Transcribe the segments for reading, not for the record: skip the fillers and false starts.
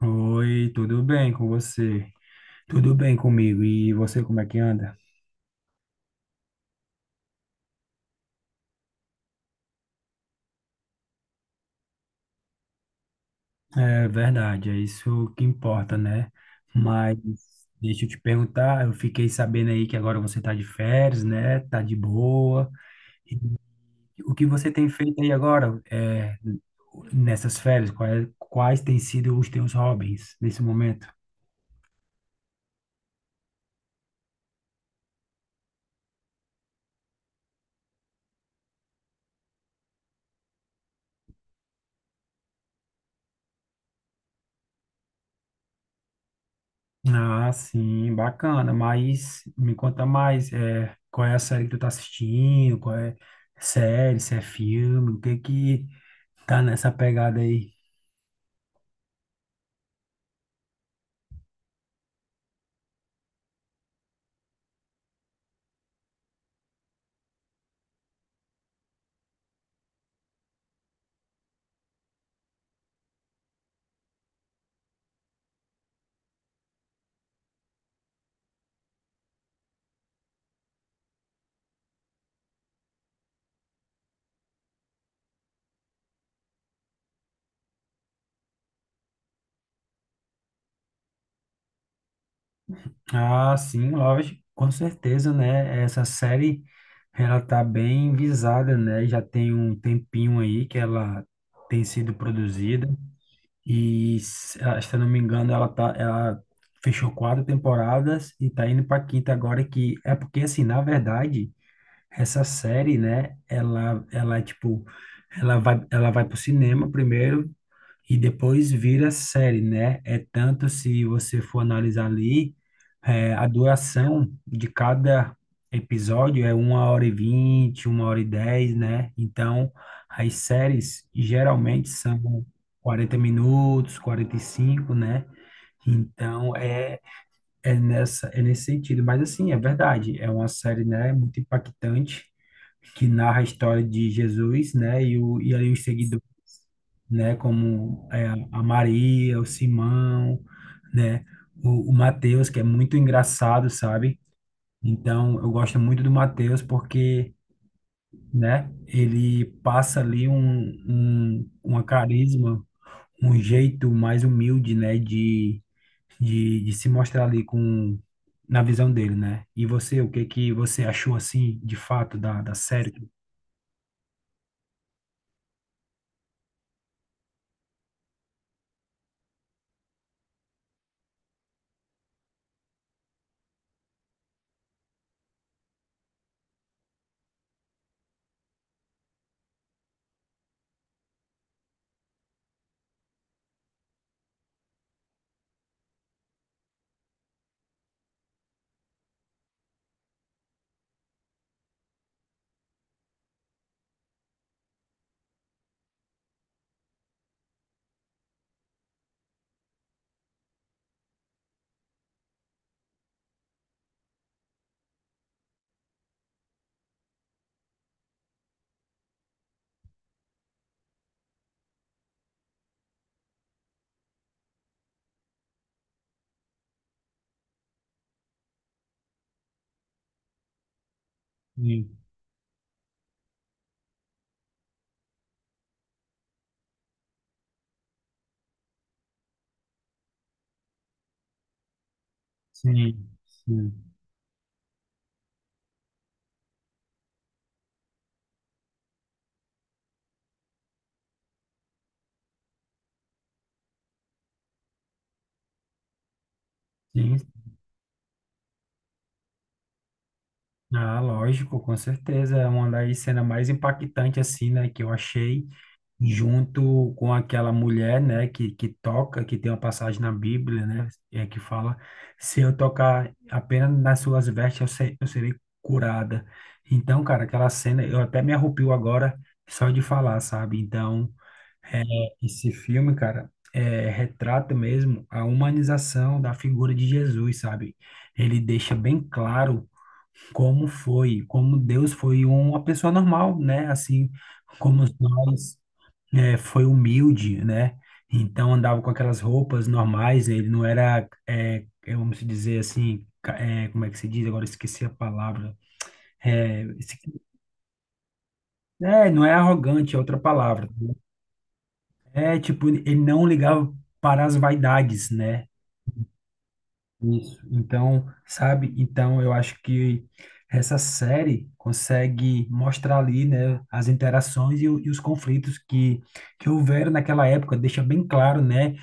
Oi, tudo bem com você? Tudo bem comigo? E você, como é que anda? É verdade, é isso que importa, né? Mas deixa eu te perguntar, eu fiquei sabendo aí que agora você tá de férias, né? Tá de boa. O que você tem feito aí agora, nessas férias? Quais têm sido os teus hobbies nesse momento? Ah, sim, bacana. Mas me conta mais, qual é a série que tu tá assistindo? Qual é série, se é filme? O que que tá nessa pegada aí? Ah, sim, lógico, com certeza, né? Essa série, ela tá bem visada, né? Já tem um tempinho aí que ela tem sido produzida. E, se eu não me engano, ela fechou quatro temporadas e tá indo pra quinta agora, que é porque assim, na verdade, essa série, né, ela, tipo, ela vai pro cinema primeiro e depois vira série, né? É tanto se você for analisar ali, a duração de cada episódio é 1h20, 1h10, né? Então, as séries geralmente são 40 minutos, 45, né? Então, é nesse sentido, mas assim, é verdade, é uma série, né, muito impactante, que narra a história de Jesus, né, e ali os seguidores, né, como é, a Maria, o Simão, né, o Mateus, que é muito engraçado, sabe? Então, eu gosto muito do Mateus porque, né, ele passa ali uma carisma um jeito mais humilde, né, de se mostrar ali com na visão dele, né? E você, o que que você achou assim, de fato, da série? Sim, sim, sim, sim. Ah, lógico, com certeza, é uma das cenas mais impactantes assim, né, que eu achei. Junto com aquela mulher, né, que toca, que tem uma passagem na Bíblia, né, que fala, se eu tocar apenas nas suas vestes, eu, se- eu serei curada. Então, cara, aquela cena, eu até me arrepio agora só de falar, sabe? Então, esse filme, cara, retrata mesmo a humanização da figura de Jesus, sabe? Ele deixa bem claro como foi, como Deus foi uma pessoa normal, né? Assim, como nós, foi humilde, né? Então andava com aquelas roupas normais, né? Ele não era, vamos dizer assim, como é que se diz? Agora eu esqueci a palavra. É, esse- não é arrogante, é outra palavra. É tipo, ele não ligava para as vaidades, né? Isso. Então, sabe? Então, eu acho que essa série consegue mostrar ali, né, as interações e os conflitos que houveram naquela época. Deixa bem claro, né,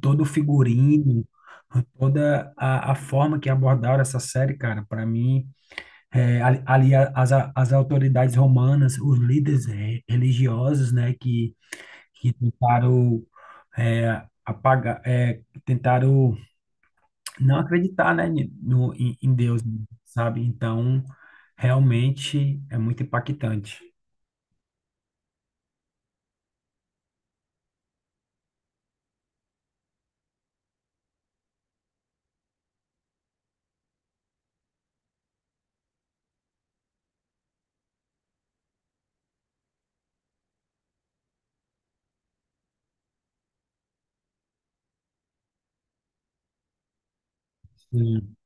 todo o figurino, toda a forma que abordaram essa série, cara. Para mim, ali as autoridades romanas, os líderes religiosos, né, que tentaram apagar, tentaram não acreditar, né, ni- no, em, em Deus, sabe? Então, realmente é muito impactante. Sim.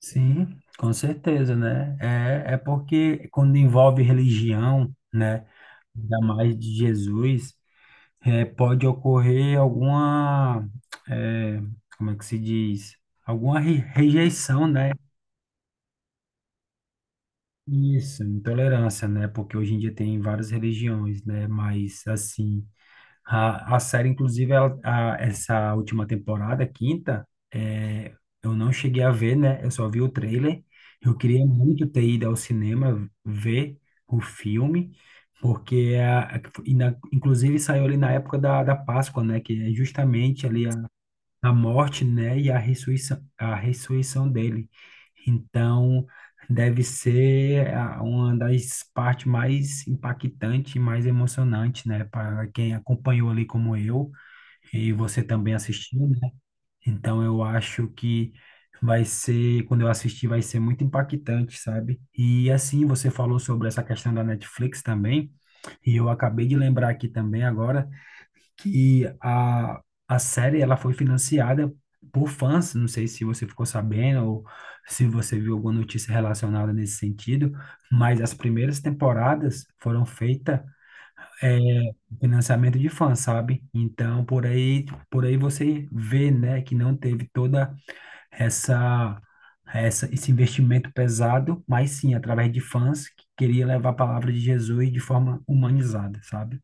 Sim, com certeza, né? É, é porque quando envolve religião, né, ainda mais de Jesus, pode ocorrer alguma, é, como é que se diz? Alguma rejeição, né? Isso, intolerância, né? Porque hoje em dia tem várias religiões, né? Mas, assim, a série, inclusive, ela, essa última temporada, quinta, é, eu não cheguei a ver, né? Eu só vi o trailer. Eu queria muito ter ido ao cinema ver o filme, porque, inclusive, saiu ali na época da Páscoa, né? Que é justamente ali a morte, né, e a ressurreição dele. Então, deve ser uma das partes mais impactantes e mais emocionantes, né, para quem acompanhou ali como eu e você também assistiu, né? Então, eu acho que vai ser, quando eu assistir, vai ser muito impactante, sabe? E assim, você falou sobre essa questão da Netflix também, e eu acabei de lembrar aqui também agora que a série ela foi financiada por fãs. Não sei se você ficou sabendo ou se você viu alguma notícia relacionada nesse sentido, mas as primeiras temporadas foram feitas é, com financiamento de fãs, sabe? Então por aí você vê, né, que não teve toda essa esse investimento pesado, mas sim através de fãs que queria levar a palavra de Jesus de forma humanizada, sabe?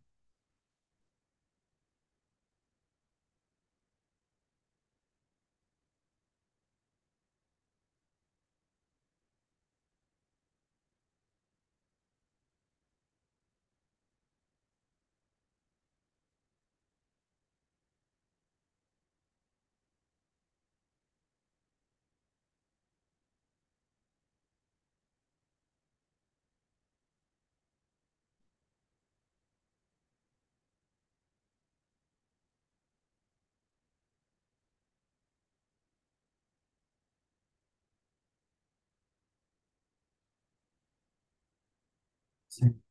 Sim,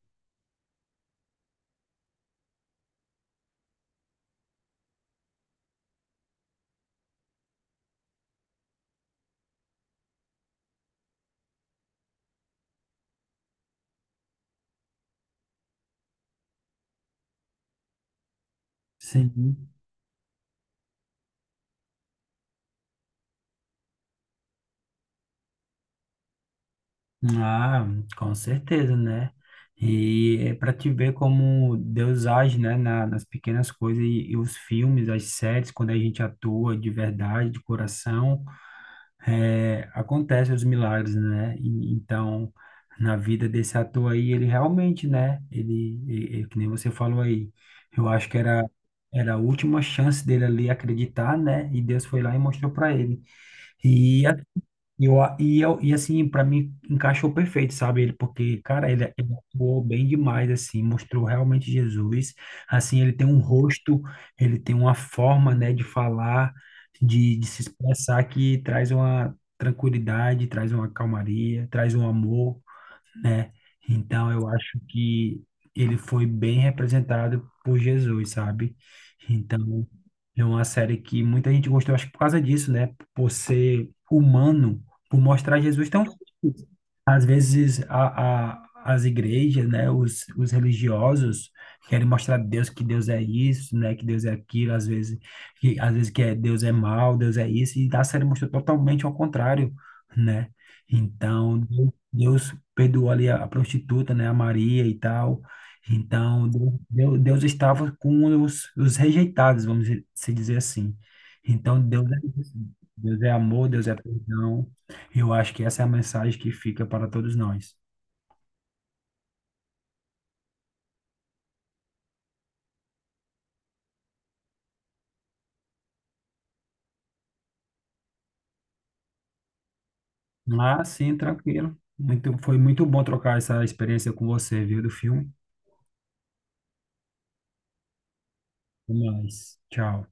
sim. Ah, com certeza, né? E é para te ver como Deus age, né, nas pequenas coisas e os filmes, as séries, quando a gente atua de verdade, de coração, acontecem os milagres, né? E, então, na vida desse ator aí, ele realmente, né? Ele, e que nem você falou aí, eu acho que era a última chance dele ali acreditar, né? E Deus foi lá e mostrou para ele. E e, eu, a- e, eu, e assim, para mim, encaixou perfeito, sabe? Ele, porque, cara, ele atuou bem demais, assim, mostrou realmente Jesus. Assim, ele tem um rosto, ele tem uma forma, né, de falar, de se expressar que traz uma tranquilidade, traz uma calmaria, traz um amor, né? Então eu acho que ele foi bem representado por Jesus, sabe? Então é uma série que muita gente gostou, acho que por causa disso, né? Por ser humano, por mostrar Jesus tão às vezes as igrejas, né, os religiosos querem mostrar a Deus que Deus é isso, né, que Deus é aquilo, às vezes que é Deus é mal, Deus é isso, e a série mostra totalmente ao contrário, né? Então, Deus perdoou ali a prostituta, né, a Maria e tal. Então, Deus estava com os rejeitados, vamos se dizer assim. Então, Deus é, isso. Deus é amor, Deus é perdão. Eu acho que essa é a mensagem que fica para todos nós. Mas sim, tranquilo. Foi muito bom trocar essa experiência com você, viu, do filme. Até mais. Tchau.